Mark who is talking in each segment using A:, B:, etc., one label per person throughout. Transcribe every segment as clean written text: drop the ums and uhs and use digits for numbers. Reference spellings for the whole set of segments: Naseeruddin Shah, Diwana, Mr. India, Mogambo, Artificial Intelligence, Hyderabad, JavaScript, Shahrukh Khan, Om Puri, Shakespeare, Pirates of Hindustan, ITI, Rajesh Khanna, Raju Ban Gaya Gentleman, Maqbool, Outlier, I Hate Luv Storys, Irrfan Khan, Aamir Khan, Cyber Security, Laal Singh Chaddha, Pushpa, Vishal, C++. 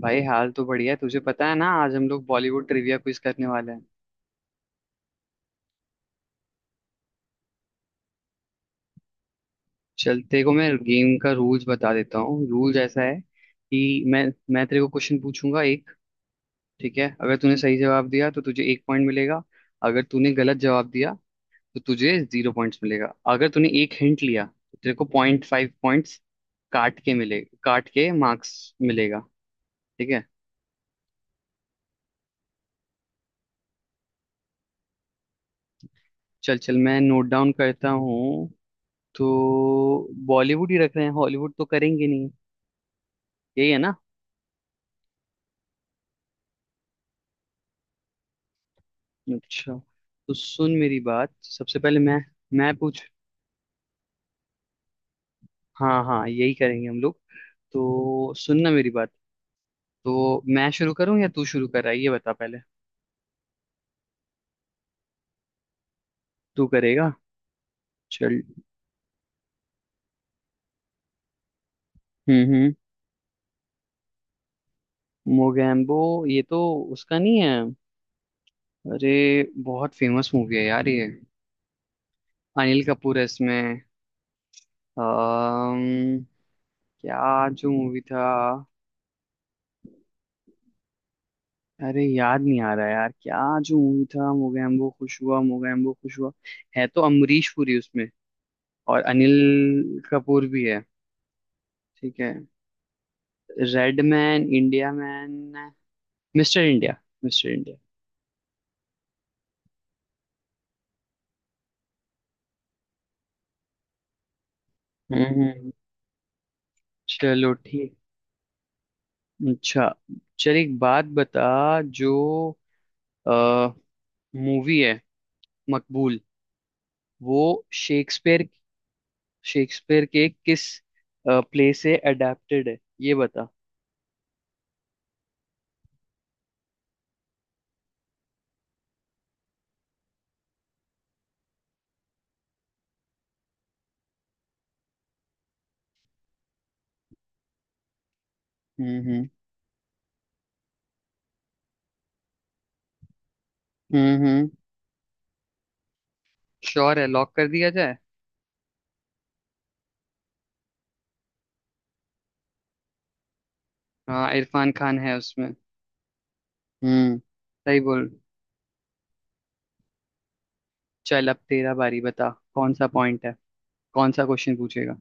A: भाई हाल तो बढ़िया है। तुझे पता है ना, आज हम लोग बॉलीवुड ट्रिविया क्विज करने वाले हैं। चल, तेरे को मैं गेम का रूल्स बता देता हूँ। रूल्स ऐसा है कि मैं तेरे को क्वेश्चन पूछूंगा एक। ठीक है, अगर तूने सही जवाब दिया तो तुझे 1 पॉइंट मिलेगा। अगर तूने गलत जवाब दिया तो तुझे 0 पॉइंट्स मिलेगा। अगर तूने एक हिंट लिया तो तेरे को 0.5 पॉइंट्स काट के मिले, काट के मार्क्स मिलेगा। ठीक है। चल चल, मैं नोट डाउन करता हूँ। तो बॉलीवुड ही रख रहे हैं, हॉलीवुड तो करेंगे नहीं, यही है ना। अच्छा। तो सुन मेरी बात। सबसे पहले मैं पूछ हाँ हाँ, यही करेंगे हम लोग। तो सुन ना मेरी बात। तो मैं शुरू करूँ या तू शुरू कर रहा है, ये बता पहले। तू करेगा? चल। हम्म। मोगैम्बो? ये तो उसका नहीं है। अरे, बहुत फेमस मूवी है यार ये। अनिल कपूर है इसमें। अम्म क्या? जो मूवी था, अरे याद नहीं आ रहा यार, क्या जो मूवी था? मोगैम्बो खुश हुआ, मोगैम्बो खुश हुआ। है तो अमरीश पुरी उसमें, और अनिल कपूर भी है। ठीक है। Red man India man, Mister India, Mister India. हम्म हम्म। चलो, ठीक। अच्छा, चल एक बात बता। जो मूवी है मकबूल, वो शेक्सपियर शेक्सपियर के किस प्ले से अडेप्टेड है, ये बता। हम्म। हम्म। श्योर है, लॉक कर दिया जाए। हाँ, इरफान खान है उसमें। हम्म। सही बोल। चल, अब तेरा बारी। बता कौन सा पॉइंट है, कौन सा क्वेश्चन पूछेगा।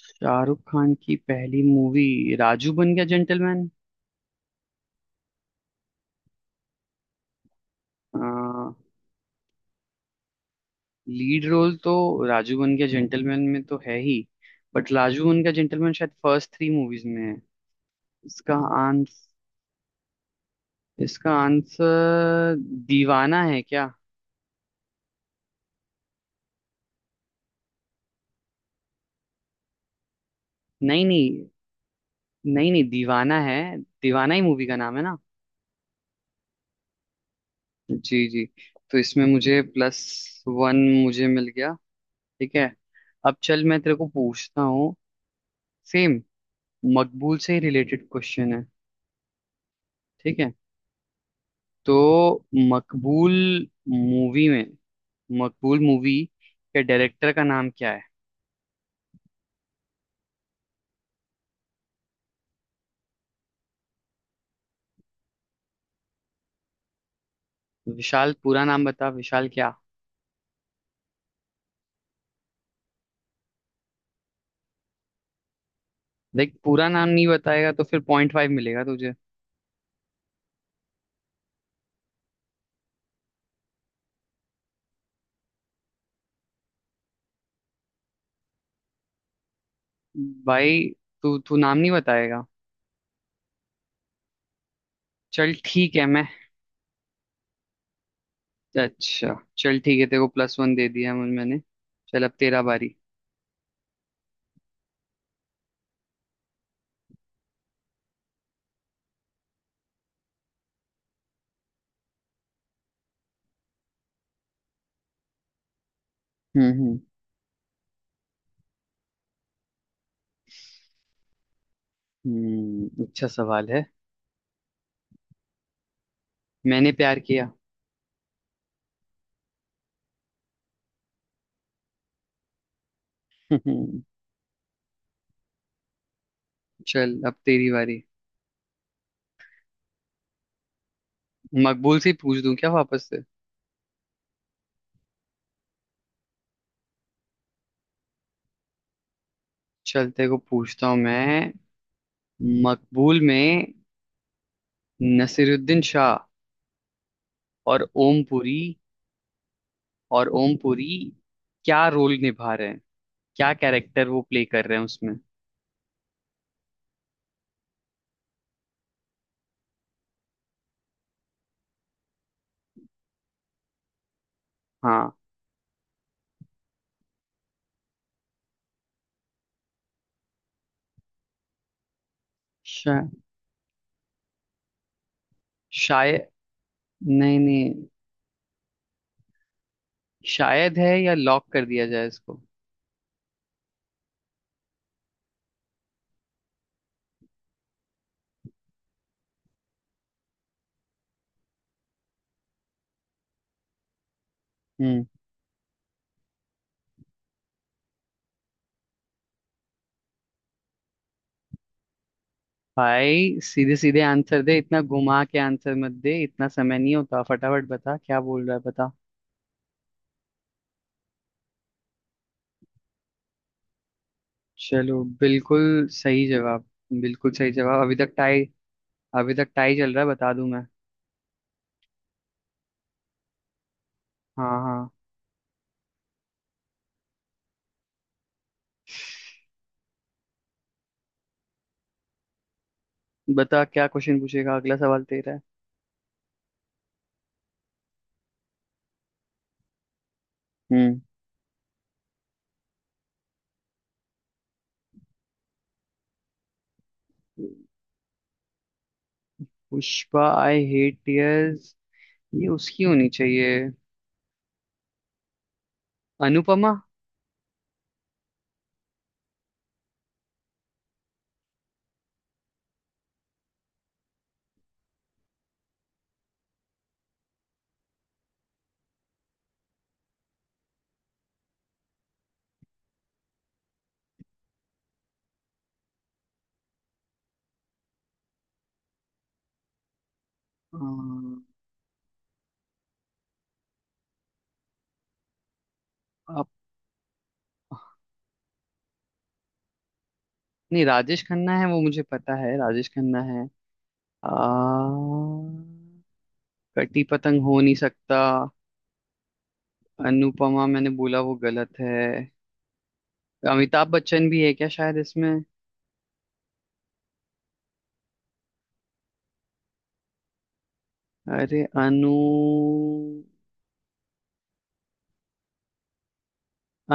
A: शाहरुख खान की पहली मूवी, राजू बन गया जेंटलमैन। लीड रोल तो राजू बन गया जेंटलमैन में तो है ही, बट राजू बन गया जेंटलमैन शायद फर्स्ट थ्री मूवीज में है। इसका आंस इसका आंसर दीवाना है क्या? नहीं नहीं, नहीं नहीं दीवाना है। दीवाना ही मूवी का नाम है ना। जी जी। तो इसमें मुझे +1, मुझे मिल गया। ठीक है, अब चल मैं तेरे को पूछता हूँ। सेम मकबूल से ही रिलेटेड क्वेश्चन है, ठीक है। तो मकबूल मूवी में, मकबूल मूवी के डायरेक्टर का नाम क्या है? विशाल, पूरा नाम बता, विशाल क्या? देख, पूरा नाम नहीं बताएगा तो फिर 0.5 मिलेगा तुझे। भाई तू तू नाम नहीं बताएगा? चल ठीक है मैं, अच्छा चल ठीक है, तेरे को +1 दे दिया, मैंने। चल अब तेरा बारी। हम्म। अच्छा सवाल है। मैंने प्यार किया। हम्म। चल, अब तेरी बारी। मकबूल से ही पूछ दूं क्या वापस से? चल, तेरे को पूछता हूँ मैं। मकबूल में नसीरुद्दीन शाह और ओमपुरी क्या रोल निभा रहे हैं, क्या कैरेक्टर वो प्ले कर रहे हैं उसमें? हाँ। शा, शायद। नहीं नहीं, शायद है, या लॉक कर दिया जाए इसको? हम्म। भाई सीधे सीधे आंसर दे, इतना घुमा के आंसर मत दे, इतना समय नहीं होता, फटाफट बता क्या बोल रहा है, बता। चलो, बिल्कुल सही जवाब, बिल्कुल सही जवाब। अभी तक टाई, अभी तक टाई चल रहा है, बता दूं मैं। हाँ हाँ। बता क्या क्वेश्चन पूछेगा, अगला सवाल तेरा है। हम्म। पुष्पा आई हेट टीयर्स, ये उसकी होनी चाहिए, अनुपमा। अम, अप- नहीं, राजेश खन्ना है वो मुझे पता है, राजेश खन्ना है। आ, कटी पतंग हो नहीं सकता। अनुपमा मैंने बोला वो गलत है। अमिताभ बच्चन भी है क्या शायद इसमें? अरे अनु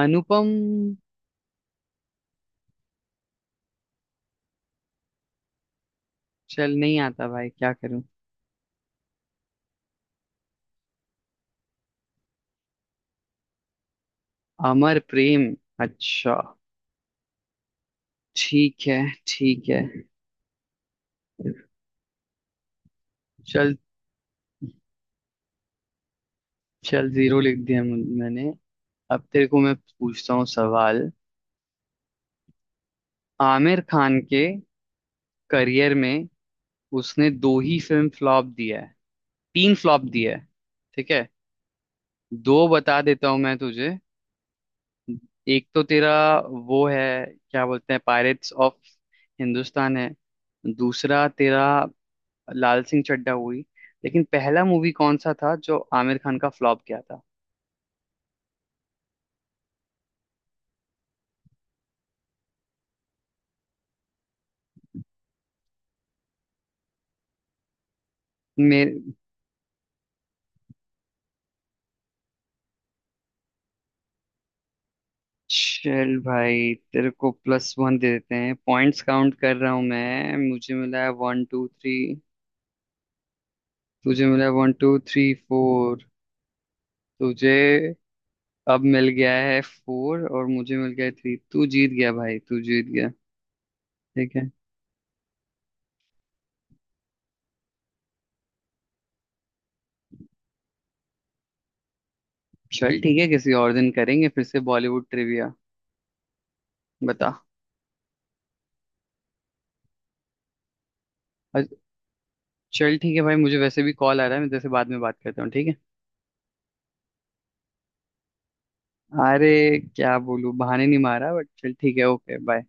A: अनुपम चल, नहीं आता भाई, क्या करूं। अमर प्रेम, अच्छा, ठीक है, ठीक है। चल, चल 0 लिख दिया, मैंने। अब तेरे को मैं पूछता हूँ सवाल। आमिर खान के करियर में, उसने दो ही फिल्म फ्लॉप दिया है, तीन फ्लॉप दिया है, ठीक है। दो बता देता हूँ मैं तुझे। एक तो तेरा वो है, क्या बोलते हैं, पायरेट्स ऑफ हिंदुस्तान है। दूसरा तेरा लाल सिंह चड्ढा हुई। लेकिन पहला मूवी कौन सा था जो आमिर खान का फ्लॉप गया था? मेरे, चल भाई तेरे को +1 दे देते हैं। पॉइंट्स काउंट कर रहा हूँ मैं, मुझे मिला है 1, 2, 3, तुझे मिला है 1, 2, 3, 4। तुझे अब मिल गया है 4 और मुझे मिल गया है 3, तू जीत गया भाई, तू जीत गया। ठीक है। चल ठीक है, किसी और दिन करेंगे फिर से बॉलीवुड ट्रिविया। बता। अ- चल ठीक है भाई, मुझे वैसे भी कॉल आ रहा है, मैं जैसे बाद में बात करता हूँ, ठीक है। अरे क्या बोलूं, बहाने नहीं मारा, बट चल ठीक है, ओके, बाय।